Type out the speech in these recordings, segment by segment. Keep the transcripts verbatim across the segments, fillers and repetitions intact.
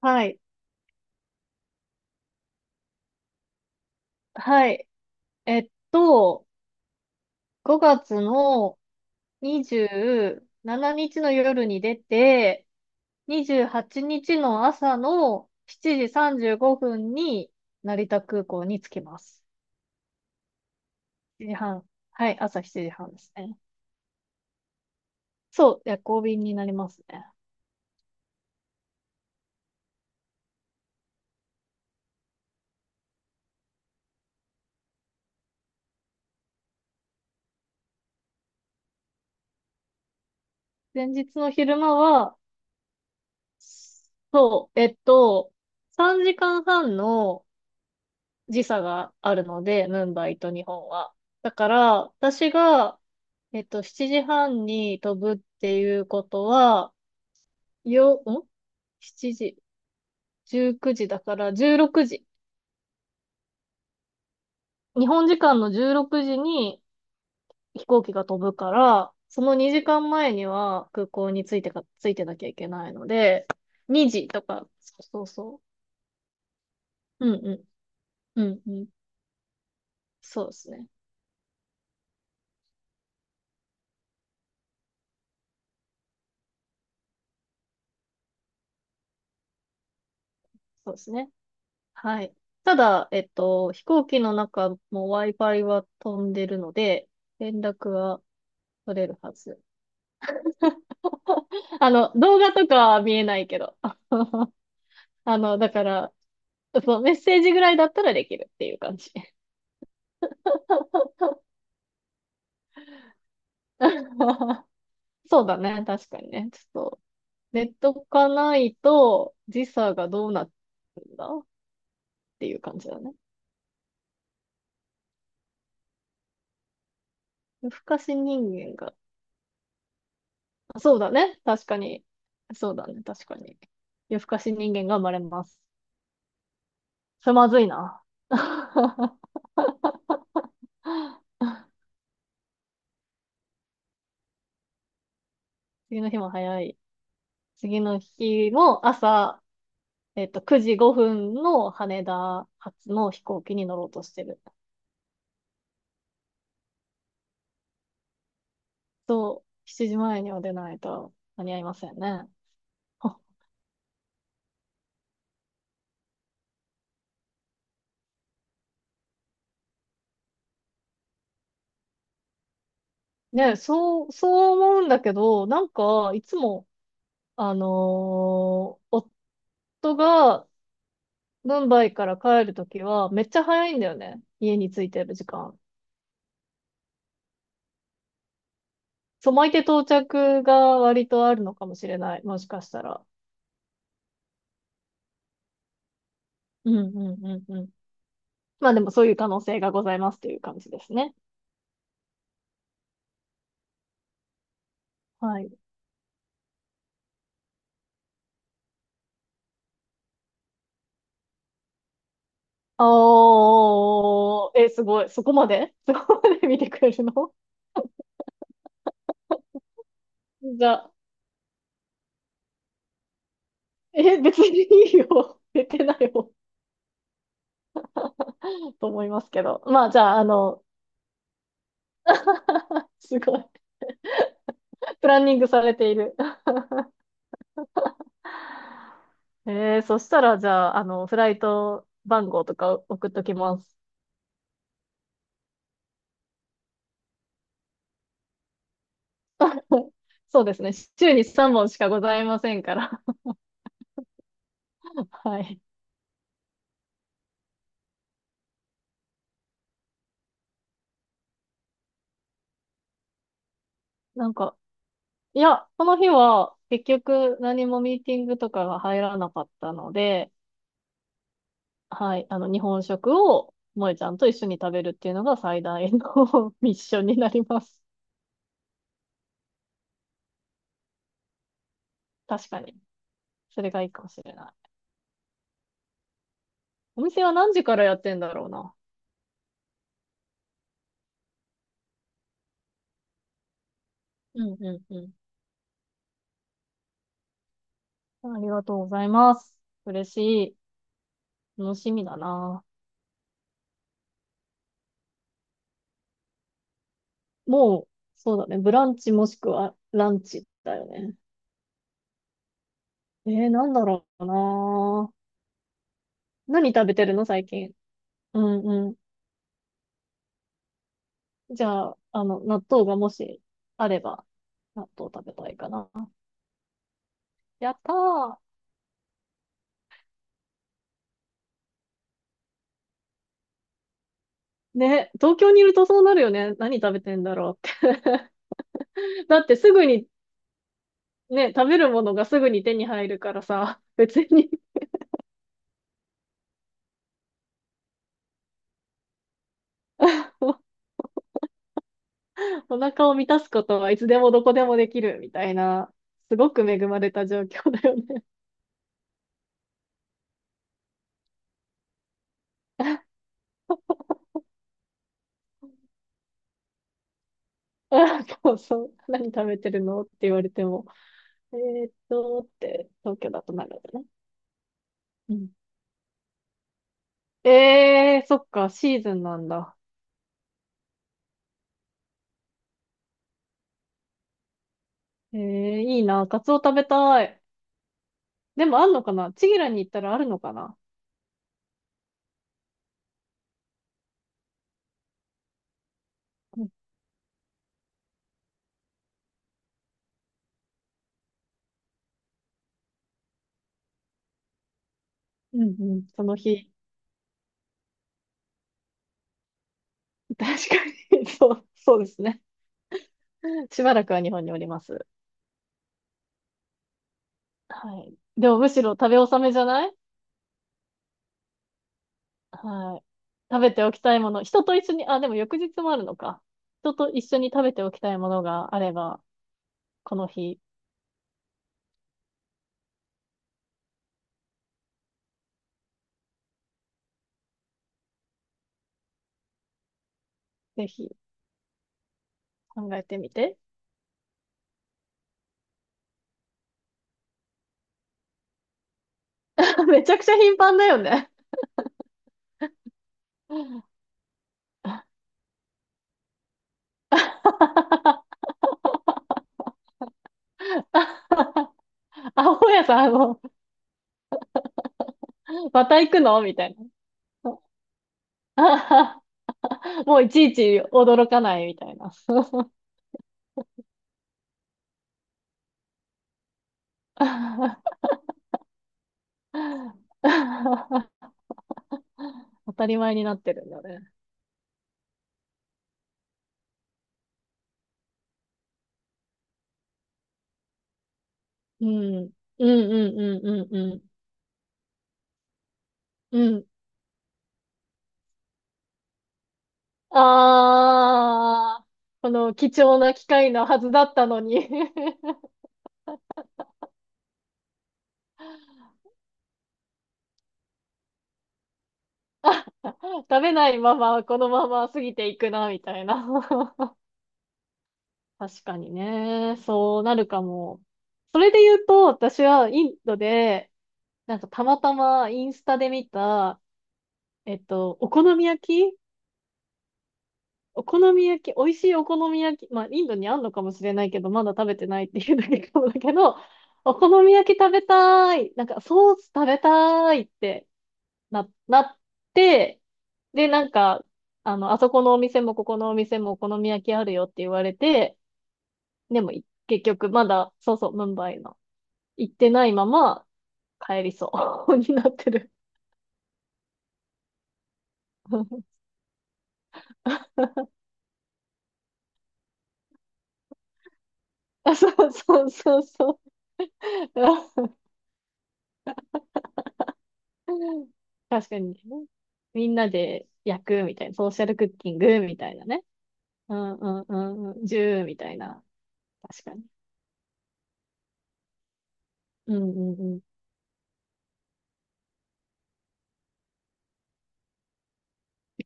はい。はい。えっと、ごがつのにじゅうしちにちの夜に出て、にじゅうはちにちの朝のしちじさんじゅうごふんに成田空港に着きます。しちじはん。はい、朝しちじはんですね。そう、夜行便になりますね。前日の昼間は、そう、えっと、さんじかんはんの時差があるので、ムンバイと日本は。だから、私が、えっと、しちじはんに飛ぶっていうことは、よ、ん ?しち 時、じゅうくじだからじゅうろくじ。日本時間のじゅうろくじに飛行機が飛ぶから、そのにじかんまえには空港に着いてか、着いてなきゃいけないので、にじとか、そうそうそう。うんうん。うんうん。そうですね。そうですね。はい。ただ、えっと、飛行機の中も Wi-Fi は飛んでるので、連絡は取れるはず。あの、動画とかは見えないけど。あの、だから、そう、メッセージぐらいだったらできるっていう感じ。そうだね、確かにね。ちょっと、ネットかないと時差がどうなるんだっていう感じだね。夜更かし人間が、そうだね、確かに。そうだね、確かに。夜更かし人間が生まれます。それまずいな。次の日も早い。次の日も朝、えっと、くじごふんの羽田発の飛行機に乗ろうとしてる。そう、しちじまえには出ないと間に合いませんね。あねえ、そう、そう思うんだけど、なんか、いつも、あのー夫がムンバイから帰るときは、めっちゃ早いんだよね。家に着いてる時間。そう、巻いて到着が割とあるのかもしれない。もしかしたら。うんうんうんうん。まあでもそういう可能性がございますという感じですね。はい。あー、え、すごい。そこまで そこまで見てくれるの？じゃあ、え、別にいいよ。寝てないよ。と思いますけど。まあじゃあ、あの、すごい。プランニングされている。えー、そしたらじゃあ、あの、フライト番号とか送っときます。そうですね。週にさんぼんしかございませんから。はい。なんか、いや、この日は結局何もミーティングとかが入らなかったので、はい、あの、日本食を萌えちゃんと一緒に食べるっていうのが最大の ミッションになります。確かに。それがいいかもしれない。お店は何時からやってんだろうな。うんうんうん。ありがとうございます。嬉しい。楽しみだな。もう、そうだね。ブランチもしくはランチだよね。えー、なんだろうな。何食べてるの、最近。うんうん。じゃあ、あの、納豆がもしあれば、納豆食べたいかな。やったー。ね、東京にいるとそうなるよね。何食べてんだろうって。だってすぐに、ね、食べるものがすぐに手に入るからさ、別に お腹を満たすことはいつでもどこでもできるみたいな、すごく恵まれた状況だよね。あ、そうそう。何食べてるのって言われても。えーっと、って東京だとなるのね。うん。えー、そっか、シーズンなんだ。えー、いいな、カツオ食べたい。でもあんのかな？チギラに行ったらあるのかな？うんうんうん、その日。確かに、そう、そうですね。しばらくは日本におります。はい。でもむしろ食べ納めじゃない？はい。食べておきたいもの。人と一緒に、あ、でも翌日もあるのか。人と一緒に食べておきたいものがあれば、この日、ぜひ考えてみて。めちゃくちゃ頻繁だよね。あ、本屋さん、あの、また行くのみたいな。あもういちいち驚かないみたいな。当たり前になってるんだね。うん。うんうんうんうんうん。うん。ああ、この貴重な機会のはずだったのに 食べないままこのまま過ぎていくな、みたいな。確かにね。そうなるかも。それで言うと、私はインドで、なんかたまたまインスタで見た、えっと、お好み焼きお好み焼き、美味しいお好み焼き、まあ、インドにあんのかもしれないけど、まだ食べてないっていうだけかもだけど、お好み焼き食べたい、なんかソース食べたいってな、なって、で、なんか、あの、あそこのお店もここのお店もお好み焼きあるよって言われて、でも結局まだ、そうそう、ムンバイの行ってないまま帰りそう になってる。あ、そうそうそうそう。確かにね。みんなで焼くみたいな、ソーシャルクッキングみたいなね。うんうんうんうん、ジューみたいな。確かに。うんうんうん。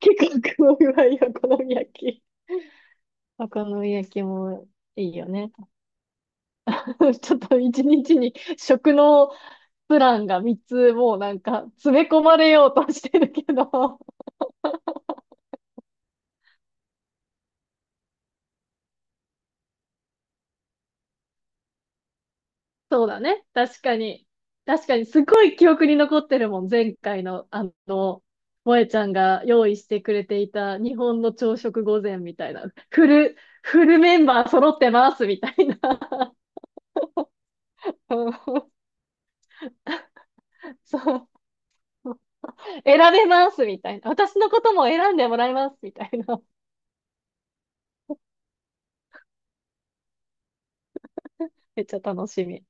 結構黒いわよ、お好み焼き。お好み焼きもいいよね。ちょっと一日に食のプランがみっつもうなんか詰め込まれようとしてるけど。そうだね。確かに。確かに、すごい記憶に残ってるもん。前回の、あの、萌えちゃんが用意してくれていた日本の朝食御膳みたいな。フル、フルメンバー揃ってますみたいな。うんそう。選べますみたいな。私のことも選んでもらいますみたいな。めっちゃ楽しみ。